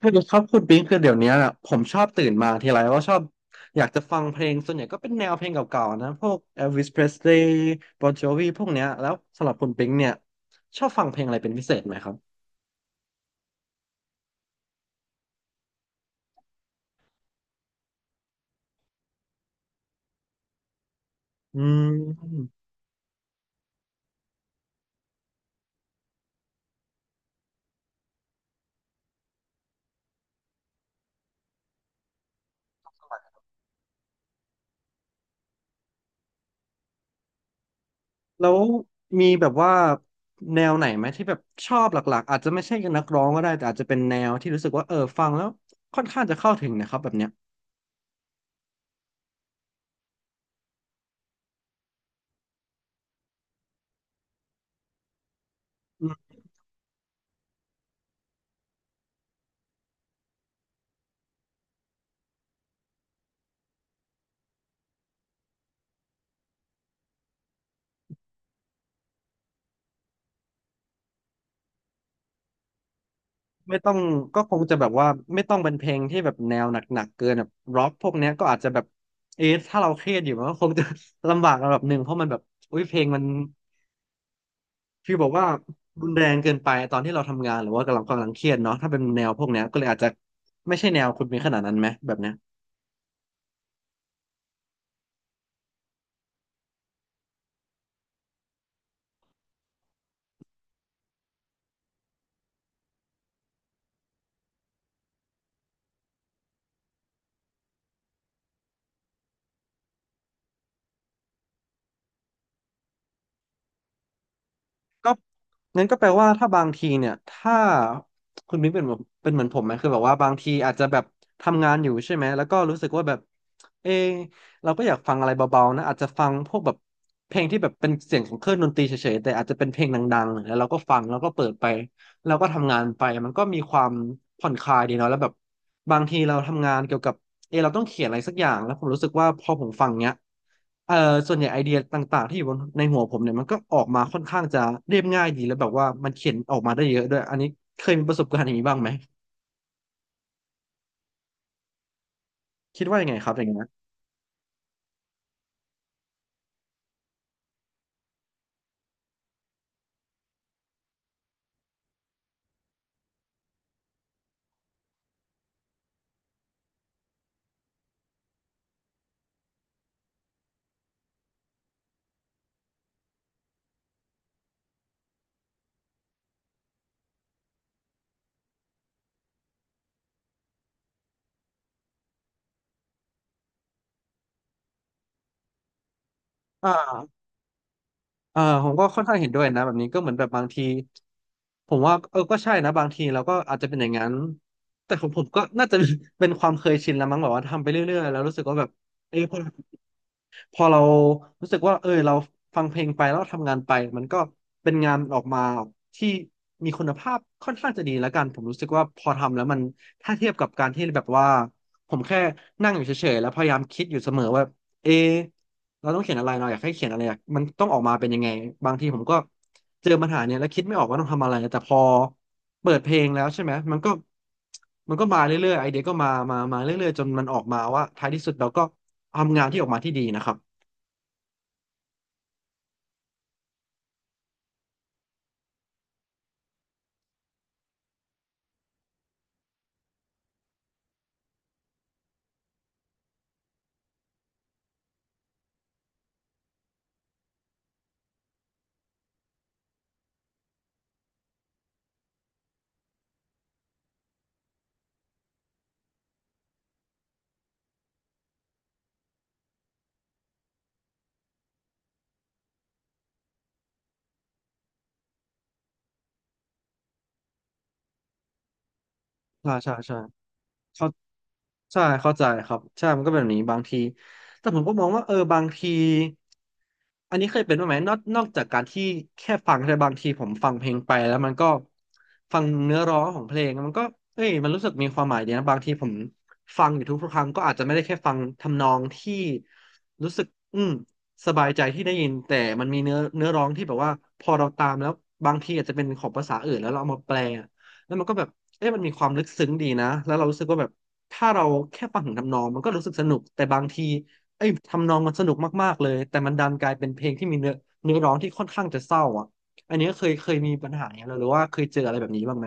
คือครับคุณปิงคือเดี๋ยวเนี้ยอะผมชอบตื่นมาทีไรว่าชอบอยากจะฟังเพลงส่วนใหญ่ก็เป็นแนวเพลงเก่าๆนะพวก Elvis Presley Bon Jovi พวกเนี้ยแล้วสำหรับคุณปิงเนี่ยชอบฟังเพลงอะไรเป็นพิเศษไหมครับอืมแล้วมีแบบว่าแนวไหนไหมที่แบบชอบหลักๆอาจจะไม่ใช่นักร้องก็ได้แต่อาจจะเป็นแนวที่รู้สึกว่าเออฟังแล้วค่อนข้างจะเข้าถึงนะครับแบบเนี้ย ไม่ต้องก็คงจะแบบว่าไม่ต้องเป็นเพลงที่แบบแนวหนักๆเกินแบบร็อกพวกเนี้ยก็อาจจะแบบเอะถ้าเราเครียดอยู่มันก็คงจะ ลำบากระดับหนึ่งเพราะมันแบบอุ้ยเพลงมันฟีลบอกว่ารุนแรงเกินไปตอนที่เราทำงานหรือว่ากำลังเครียดเนาะถ้าเป็นแนวพวกเนี้ยก็เลยอาจจะไม่ใช่แนวคุณมีขนาดนั้นไหมแบบเนี้ย ก็งั้นก็แปลว่าถ้าบางทีเนี่ยถ้าคุณมิ้งเป็นแบบเป็นเหมือนผมไหมคือแบบว่าบางทีอาจจะแบบทำงานอยู่ใช่ไหมแล้วก็รู้สึกว่าแบบเออเราก็อยากฟังอะไรเบาๆนะอาจจะฟังพวกแบบเพลงที่แบบเป็นเสียงของเครื่องดนตรีเฉยๆแต่อาจจะเป็นเพลงดังๆแล้วเราก็ฟังแล้วก็เปิดไป เราก็ทำงานไปมันก็มีความผ่อนคลายดีเนาะแล้วแบบบางทีเราทำงานเกี่ยวกับเออเราต้องเขียนอะไรสักอย่างแล้วผมรู้สึกว่าพอผมฟังเนี้ยเออส่วนใหญ่ไอเดียต่างๆที่อยู่บนในหัวผมเนี่ยมันก็ออกมาค่อนข้างจะเรียบง่ายดีแล้วแบบว่ามันเขียนออกมาได้เยอะด้วยอันนี้เคยมีประสบการณ์อย่างนี้บ้างไหมคิดว่ายังไงครับอย่างเงี้ยอ่า เออผมก็ค่อนข้างเห็นด้วยนะแบบนี้ก็เหมือนแบบบางทีผมว่าเออก็ใช่นะบางทีเราก็อาจจะเป็นอย่างนั้นแต่ของผมก็น่าจะ เป็นความเคยชินแล้วมั้งแบบว่าทำไปเรื่อยๆแล้วรู้สึกว่าแบบเออ พอเรารู้สึกว่าเออเราฟังเพลงไปแล้วเราทำงานไปมันก็เป็นงานออกมาที่มีคุณภาพค่อนข้างจะดีแล้วกันผมรู้สึกว่าพอทำแล้วมันถ้าเทียบกับการที่แบบว่าผมแค่นั่งอยู่เฉยๆแล้วพยายามคิดอยู่เสมอว่าเอะเราต้องเขียนอะไรเราอยากให้เขียนอะไรอยากมันต้องออกมาเป็นยังไงบางทีผมก็เจอปัญหาเนี่ยแล้วคิดไม่ออกว่าต้องทำอะไรแต่พอเปิดเพลงแล้วใช่ไหมมันก็มันก็มาเรื่อยๆไอเดียก็มาเรื่อยๆจนมันออกมาว่าท้ายที่สุดเราก็ทำงานที่ออกมาที่ดีนะครับ ใช่ใช่ใช่เขาใช่เข้าใจครับใช่มันก็เป็นแบบนี้บางทีแต่ผมก็มองว่าเออบางทีอันนี้เคยเป็นบ้างไหมนอกจากการที่แค่ฟังแต่บางทีผมฟังเพลงไปแล้วมันก็ฟังเนื้อร้องของเพลงมันก็เอ้ยมันรู้สึกมีความหมายดีนะบางทีผมฟังอยู่ทุกๆครั้งก็อาจจะไม่ได้แค่ฟังทำนองที่รู้สึกอืมสบายใจที่ได้ยินแต่มันมีเนื้อร้องที่แบบว่าพอเราตามแล้วบางทีอาจจะเป็นของภาษาอื่นแล้วเราเอามาแปล แล้วมันก็แบบเอ๊ะมันมีความลึกซึ้งดีนะแล้วเรารู้สึกว่าแบบถ้าเราแค่ฟังถึงทำนองมันก็รู้สึกสนุกแต่บางทีไอ้ยทำนองมันสนุกมากๆเลยแต่มันดันกลายเป็นเพลงที่มีเนื้อร้องที่ค่อนข้างจะเศร้าอ่ะอันนี้เคยมีปัญหาอย่างเงี้ยหรือว่าเคยเจออะไรแบบนี้บ้างไหม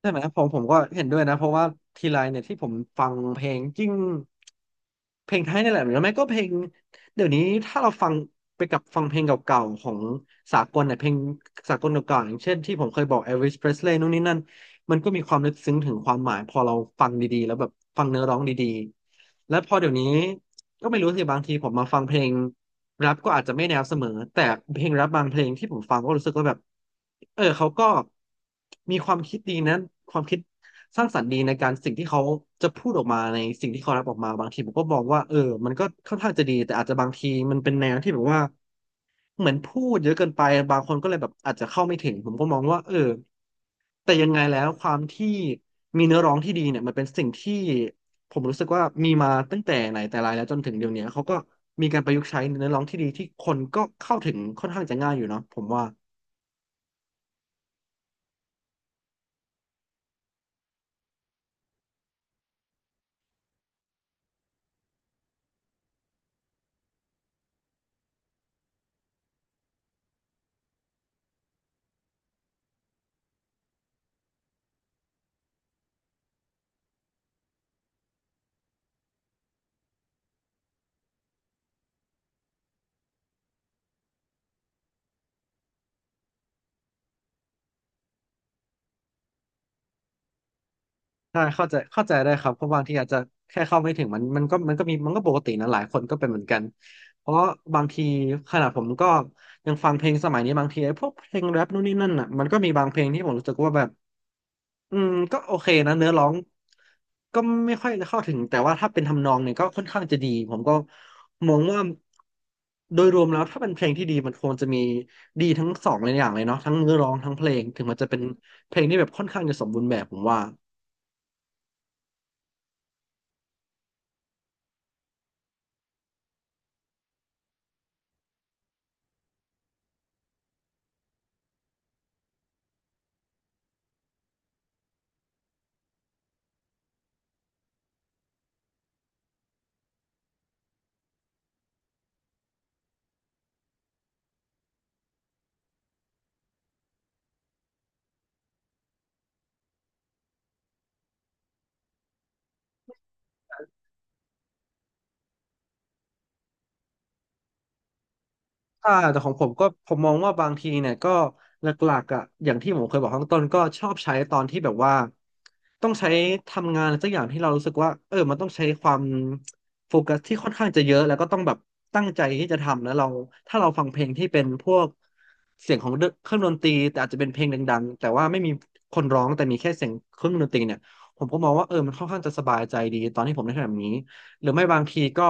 ใช่ไหมผมก็เห็นด้วยนะเพราะว่าทีไรเนี่ยที่ผมฟังเพลงจริงเพลงไทยนี่แหละหรือไม่ก็เพลงเดี๋ยวนี้ถ้าเราฟังไปกับฟังเพลงเก่าๆของสากลเนี่ยเพลงสากลเก่าๆอย่างเช่นที่ผมเคยบอก Elvis Presley นู่นนี่นั่นมันก็มีความลึกซึ้งถึงความหมายพอเราฟังดีๆแล้วแบบฟังเนื้อร้องดีๆและพอเดี๋ยวนี้ ก็ไม่รู้สิบางทีผมมาฟังเพลงแรปก็อาจจะไม่แนวเสมอแต่เพลงแรปบางเพลงที่ผมฟังก็รู้สึกว่าแบบเขาก็มีความคิดดีนะความคิดสร้างสรรค์ดีในการสิ่งที่เขาจะพูดออกมาในสิ่งที่เขาแรปออกมาบางทีผมก็มองว่ามันก็ค่อนข้างจะดีแต่อาจจะบางทีมันเป็นแนวที่แบบว่าเหมือนพูดเยอะเกินไปบางคนก็เลยแบบอาจจะเข้าไม่ถึงผมก็มองว่าแต่ยังไงแล้วความที่มีเนื้อร้องที่ดีเนี่ยมันเป็นสิ่งที่ผมรู้สึกว่ามีมาตั้งแต่ไหนแต่ไรแล้วจนถึงเดี๋ยวนี้เขาก็มีการประยุกต์ใช้เนื้อร้องที่ดีที่คนก็เข้าถึงค่อนข้างจะง่ายอยู่เนาะผมว่าใช่เข้าใจได้ครับเพราะบางทีอาจจะแค่เข้าไม่ถึงมันก็มีมันก็ปกตินะหลายคนก็เป็นเหมือนกันเพราะบางทีขนาดผมก็ยังฟังเพลงสมัยนี้บางทีไอ้พวกเพลงแรปนู่นนี่นั่นอ่ะมันก็มีบางเพลงที่ผมรู้สึกว่าแบบ อืมก็โอเคนะเนื้อร้องก็ไม่ค่อยเข้าถึงแต่ว่าถ้าเป็นทำนองเนี่ยก็ค่อนข้างจะดีผมก็มองว่าโดยรวมแล้วถ้าเป็นเพลงที่ดีมันควรจะมีดีทั้งสองเลยอย่างเลยเนาะทั้งเนื้อร้องทั้งเพลงถึงมันจะเป็นเพลงที่แบบค่อนข้างจะสมบูรณ์แบบผมว่า ค่ะแต่ของผมก็ผมมองว่าบางทีเนี่ยก็หลักๆอ่ะอย่างที่ผมเคยบอกข้างต้นก็ชอบใช้ตอนที่แบบว่าต้องใช้ทำงานอะไรสักอย่างที่เรารู้สึกว่ามันต้องใช้ความโฟกัสที่ค่อนข้างจะเยอะแล้วก็ต้องแบบตั้งใจที่จะทำแล้วเราถ้าเราฟังเพลงที่เป็นพวกเสียงของเครื่องดนตรีแต่อาจจะเป็นเพลงดังๆแต่ว่าไม่มีคนร้องแต่มีแค่เสียงเครื่องดนตรีเนี่ยผมก็มองว่ามันค่อนข้างจะสบายใจดีตอนที่ผมได้ทำแบบนี้ หรือไม่บางทีก็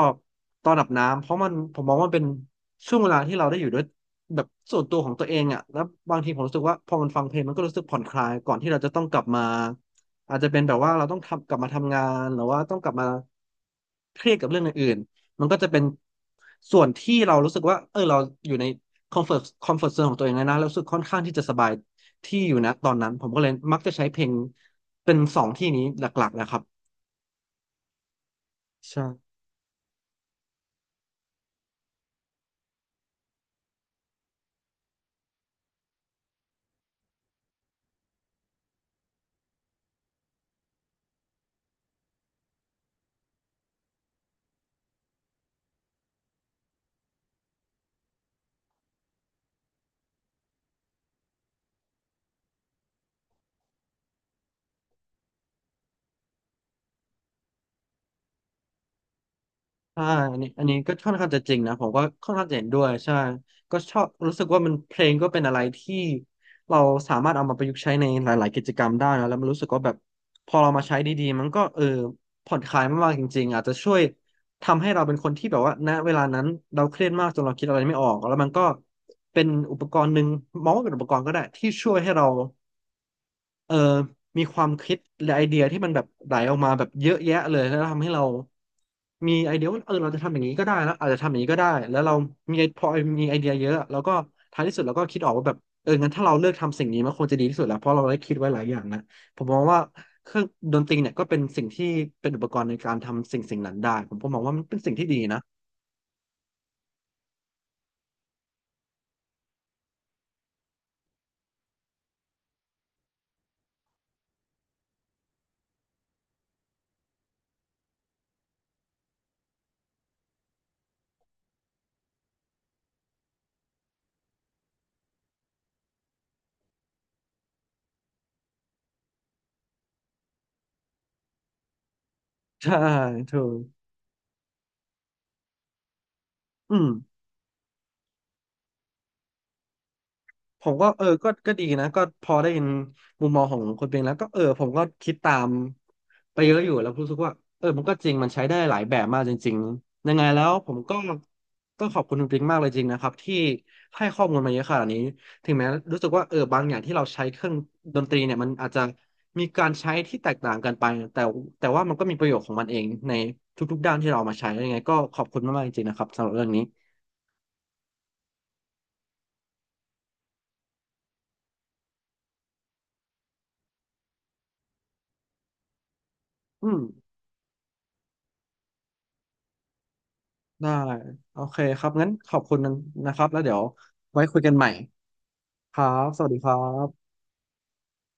ตอนอาบน้ำเพราะมันผมมองว่ามันเป็นช่วงเวลาที่เราได้อยู่ด้วยแบบส่วนตัวของตัวเองอ่ะแล้วบางทีผมรู้สึกว่าพอมันฟังเพลงมันก็รู้สึกผ่อนคลายก่อนที่เราจะต้องกลับมาอาจจะเป็นแบบว่าเราต้องทำกลับมาทำงานหรือว่าต้องกลับมาเครียดกับเรื่องอื่นๆมันก็จะเป็นส่วนที่เรารู้สึกว่าเราอยู่ในคอมฟอร์ตโซนของตัวเองแล้วนะแล้วรู้สึกค่อนข้างที่จะสบายที่อยู่นะตอนนั้นผมก็เลยมักจะใช้เพลงเป็นสองที่นี้หลักๆนะครับใช่ ใช่อันนี้ก็ค่อนข้างจะจริงนะผมก็ค่อนข้างจะเห็นด้วยใช่ก็ชอบรู้สึกว่ามันเพลงก็เป็นอะไรที่เราสามารถเอามาประยุกต์ใช้ในหลายๆกิจกรรมได้นะแล้วมันรู้สึกว่าแบบพอเรามาใช้ดีๆมันก็ผ่อนคลายมากๆจริงๆอาจจะช่วยทำให้เราเป็นคนที่แบบว่าณเวลานั้นเราเครียดมากจนเราคิดอะไรไม่ออกแล้วมันก็เป็นอุปกรณ์หนึ่งมองว่าเป็นอุปกรณ์ก็ได้ที่ช่วยให้เรา เออมีความคิดและไอเดียที่มันแบบไหลออกมาแบบเยอะแยะเลยแล้วทำให้เรามีไอเดียว่าเราจะทำอย่างนี้ก็ได้แล้วอาจจะทำอย่างนี้ก็ได้แล้วเรามีไอพอมีไอเดียเยอะแล้วก็ท้ายที่สุดเราก็คิดออกว่าแบบงั้นถ้าเราเลือกทำสิ่งนี้มันควรจะดีที่สุดแล้วเพราะเราได้คิดไว้หลายอย่างนะผมมองว่าเครื่องดนตรีเนี่ยก็เป็นสิ่งที่เป็นอุปกรณ์ในการทำสิ่งนั้นได้ผมก็มองว่ามันเป็นสิ่งที่ดีนะ ใช่ถูกอืม ผมก็ก็ดีนะก็พอได้เห็นมุมมองของคนเป็นแล้วก็ผมก็คิดตามไปเยอะอยู่แล้วรู้สึกว่ามันก็จริงมันใช้ได้หลายแบบมากจริงๆยังไงแล้วผมก็ต้องขอบคุณคุณปิงมากเลยจริงนะครับที่ให้ข้อมูลมาเยอะขนาดนี้ถึงแม้รู้สึกว่าบางอย่างที่เราใช้เครื่องดนตรีเนี่ยมันอาจจะมีการใช้ที่แตกต่างกันไปแต่แต่ว่ามันก็มีประโยชน์ของมันเองในทุกๆด้านที่เราเอามาใช้ยังไงก็ขอบคุณมากๆจริงๆนะครับสำหรับเรื่องนี้อืม ได้โอเคครับงั้นขอบคุณนะครับแล้วเดี๋ยวไว้คุยกันใหม่ครับสวัสดีครับ